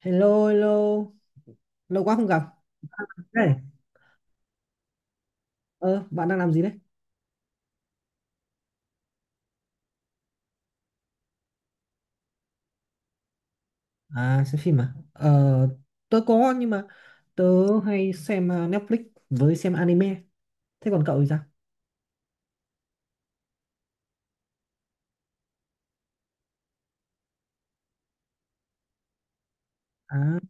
Hello, hello. Lâu quá không gặp. Hey, Ờ, bạn đang làm gì đấy? À, xem phim à? Ờ, tớ có nhưng mà tớ hay xem Netflix với xem anime. Thế còn cậu thì sao? À,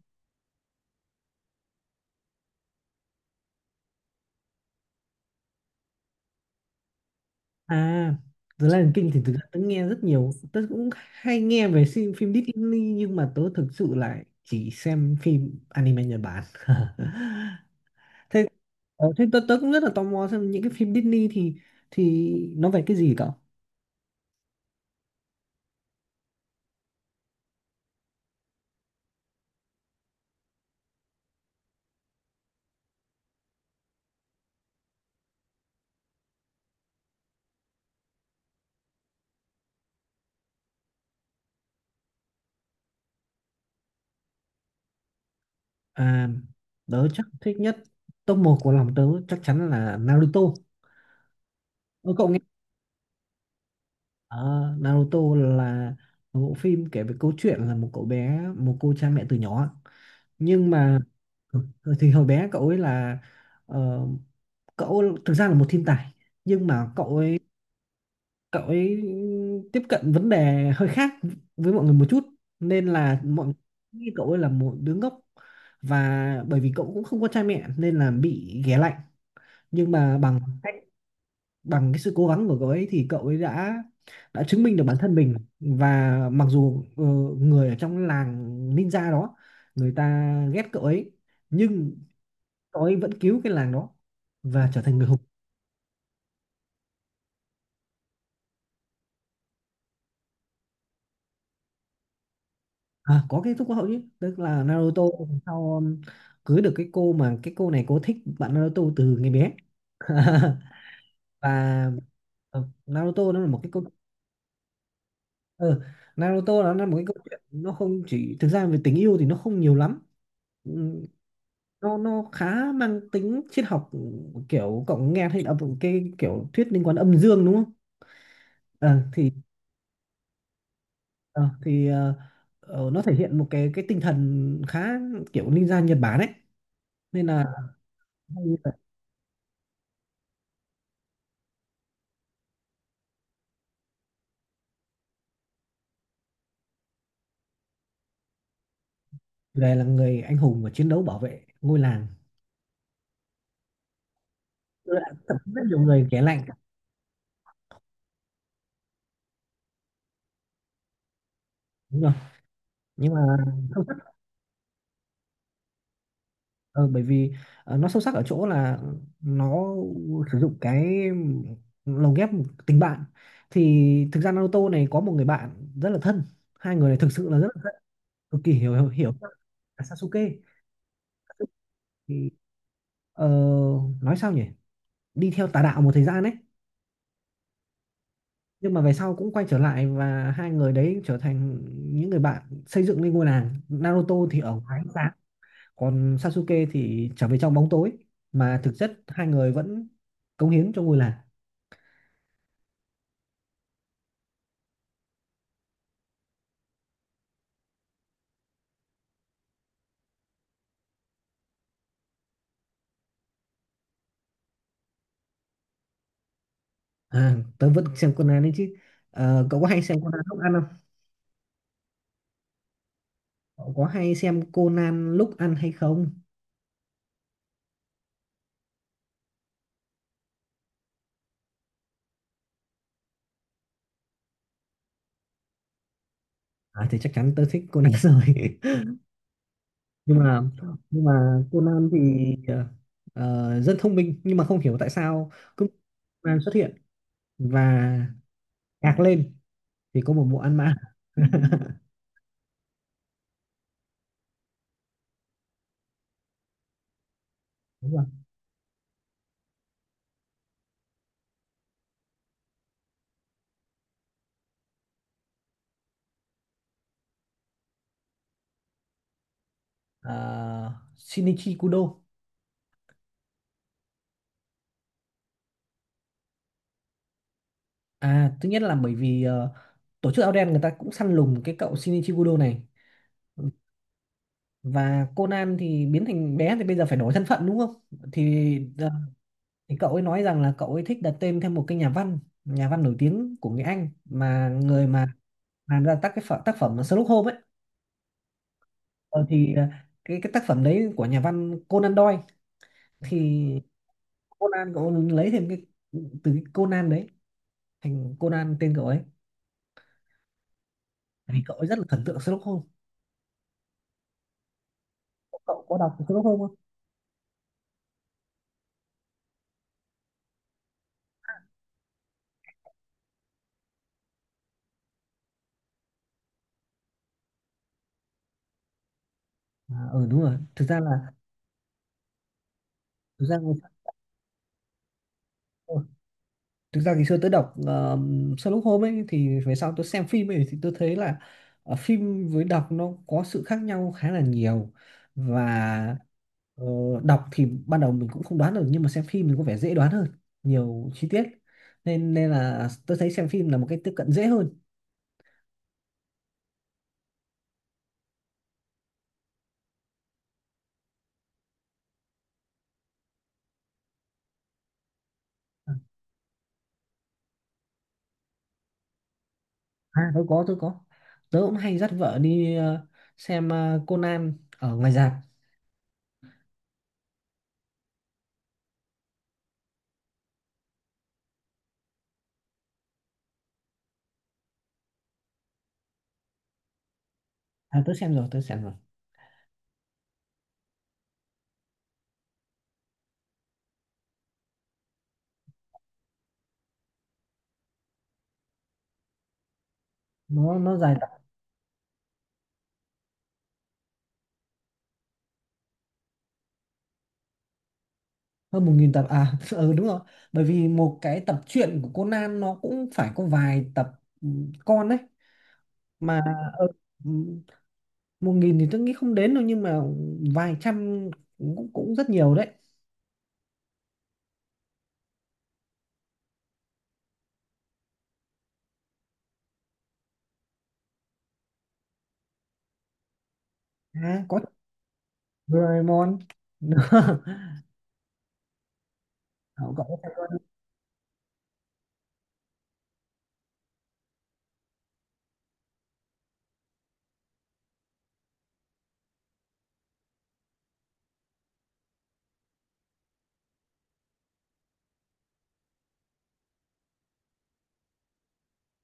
à, The Lion King thì thực ra tớ nghe rất nhiều. Tớ cũng hay nghe về phim Disney nhưng mà tớ thực sự lại chỉ xem phim anime Nhật Bản. Thế, ờ, thế tớ, tớ cũng rất là tò mò xem những cái phim Disney thì nó về cái gì cậu? À, tớ chắc thích nhất top 1 của lòng tớ chắc chắn là Naruto. Ờ, cậu nghe. Ờ, Naruto là một bộ phim kể về câu chuyện là một cậu bé một cô cha mẹ từ nhỏ, nhưng mà ừ, thì hồi bé cậu ấy là, ờ, cậu thực ra là một thiên tài, nhưng mà cậu ấy tiếp cận vấn đề hơi khác với mọi người một chút, nên là mọi người nghĩ cậu ấy là một đứa ngốc, và bởi vì cậu cũng không có cha mẹ nên là bị ghẻ lạnh, nhưng mà bằng bằng cái sự cố gắng của cậu ấy thì cậu ấy đã chứng minh được bản thân mình, và mặc dù người ở trong làng ninja đó người ta ghét cậu ấy, nhưng cậu ấy vẫn cứu cái làng đó và trở thành người hùng. À, có kết thúc hậu chứ, tức là Naruto sau cưới được cái cô mà cái cô này cô thích bạn Naruto từ ngày bé. Và ờ, Naruto nó là một cái câu ừ, Naruto nó là một cái câu chuyện, nó không chỉ thực ra về tình yêu thì nó không nhiều lắm. Ừ, nó khá mang tính triết học, kiểu cậu nghe thấy là một cái kiểu thuyết liên quan âm dương đúng không. Ờ, thì ờ, thì ờ, nó thể hiện một cái tinh thần khá kiểu ninja Nhật Bản ấy, nên là hay là chủ đề là người anh hùng và chiến đấu bảo vệ ngôi làng. Tôi đã tập rất nhiều người kể lạnh. Đúng rồi, nhưng mà không. Ờ, bởi vì nó sâu sắc ở chỗ là nó sử dụng cái lồng ghép tình bạn. Thì thực ra Naruto này có một người bạn rất là thân, hai người này thực sự là rất là thân, cực kỳ hiểu hiểu, hiểu là Sasuke. Thì ờ, nói sao nhỉ, đi theo tà đạo một thời gian đấy, nhưng mà về sau cũng quay trở lại và hai người đấy trở thành những người bạn xây dựng lên ngôi làng. Naruto thì ở ngoài ánh sáng, còn Sasuke thì trở về trong bóng tối, mà thực chất hai người vẫn cống hiến cho ngôi làng. À, tớ vẫn xem Conan đấy chứ. Ờ, cậu có hay xem Conan lúc ăn không? Cậu có hay xem Conan lúc ăn hay không? À thì chắc chắn tớ thích Conan rồi, nhưng mà nhưng mà Conan thì ờ, rất thông minh nhưng mà không hiểu tại sao cứ Conan xuất hiện và gạc lên thì có một bộ ăn mã. Đúng rồi. Ờ, Shinichi Kudo. À, thứ nhất là bởi vì tổ chức Áo Đen người ta cũng săn lùng cái cậu Shinichi Kudo này, và Conan thì biến thành bé thì bây giờ phải đổi thân phận đúng không? Thì thì cậu ấy nói rằng là cậu ấy thích đặt tên theo một cái nhà văn nổi tiếng của người Anh, mà người mà làm ra tác phẩm Sherlock Holmes ấy. Ờ, thì ờ, cái tác phẩm đấy của nhà văn Conan Doyle, thì Conan cậu lấy thêm cái từ cái Conan đấy thành Conan tên cậu ấy. Tại vì cậu ấy rất là thần tượng Sherlock Holmes. Cậu có đọc Sherlock Holmes không? À, ừ đúng rồi, thực ra là thực ra ngày xưa, thực ra ngày xưa tớ đọc Sherlock Holmes ấy, thì về sau tớ xem phim ấy thì tớ thấy là phim với đọc nó có sự khác nhau khá là nhiều. Và ờ, đọc thì ban đầu mình cũng không đoán được, nhưng mà xem phim thì có vẻ dễ đoán hơn, nhiều chi tiết, nên nên là tớ thấy xem phim là một cái tiếp cận dễ hơn. À tớ có tớ cũng hay dắt vợ đi xem Conan ở ngoài rạp. À, tớ xem rồi. Nó dài hơn 1.000 tập à. Ừ đúng rồi, bởi vì một cái tập truyện của Conan nó cũng phải có vài tập, ừ, con đấy mà. ừ, ừ, Một nghìn thì tôi nghĩ không đến đâu, nhưng mà vài trăm cũng cũng rất nhiều đấy. À có, Doraemon. cậu Cậu có xem không?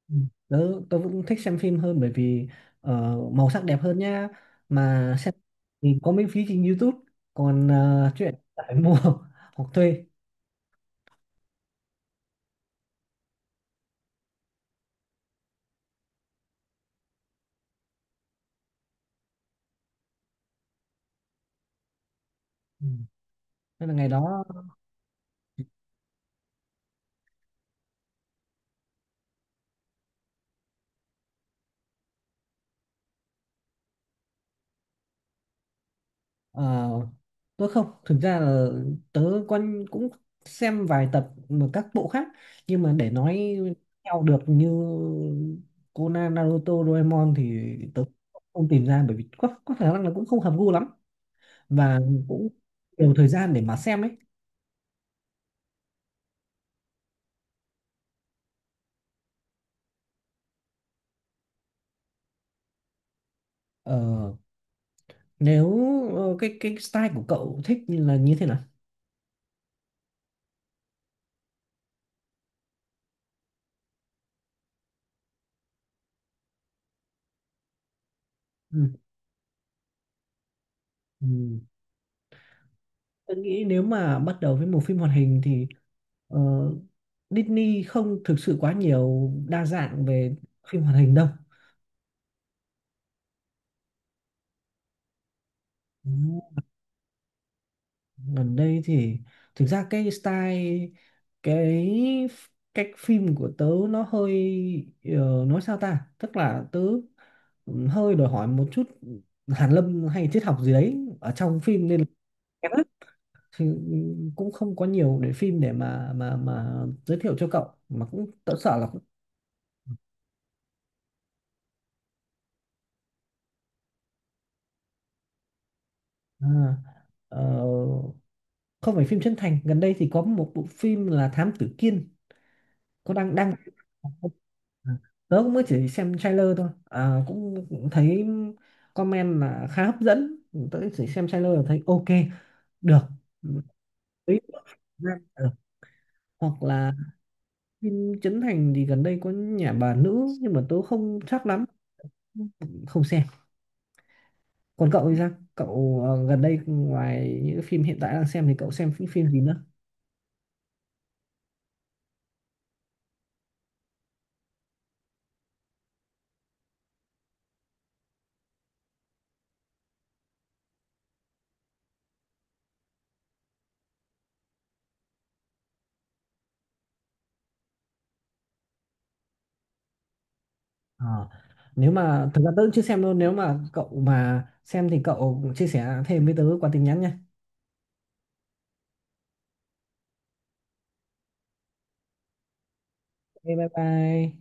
Ừ, Tớ, tớ cũng thích xem phim hơn, bởi vì ờ, màu sắc đẹp hơn nha, mà xem thì có miễn phí trên YouTube, còn chuyện phải mua hoặc thuê. Ừ, nên là ngày đó. Ờ, tôi không, thực ra là tớ quan cũng xem vài tập mà các bộ khác, nhưng mà để nói theo được như Conan Naruto Doraemon thì tớ không tìm ra, bởi vì có khả năng là cũng không hợp gu lắm, và cũng nhiều thời gian để mà xem ấy. ờ, Nếu cái style của cậu thích là như thế nào. Ừ. Ừ. Tôi nghĩ nếu mà bắt đầu với một phim hoạt hình thì ờ, Disney không thực sự quá nhiều đa dạng về phim hoạt hình đâu. Ừ, gần đây thì thực ra cái style cái f- cách phim của tớ nó hơi, nói sao ta? Tức là tớ hơi đòi hỏi một chút hàn lâm hay triết học gì đấy ở trong phim, nên là kém lắm. Thì cũng không có nhiều để phim để mà giới thiệu cho cậu, mà cũng tớ sợ là cũng- À, ờ, không phải phim chân thành, gần đây thì có một bộ phim là Thám Tử Kiên, có đang đang. À, tớ cũng mới chỉ xem trailer thôi, à, cũng thấy comment là khá hấp dẫn, tớ chỉ xem trailer là thấy ok được. Ý, ờ, hoặc là phim Trấn Thành thì gần đây có nhà bà nữ, nhưng mà tớ không chắc lắm, không xem. Còn cậu thì sao, cậu gần đây ngoài những phim hiện tại đang xem thì cậu xem những phim gì nữa? Ờ. Nếu mà thực ra tớ cũng chưa xem luôn, nếu mà cậu mà xem thì cậu chia sẻ thêm với tớ qua tin nhắn nha. Ok, bye bye.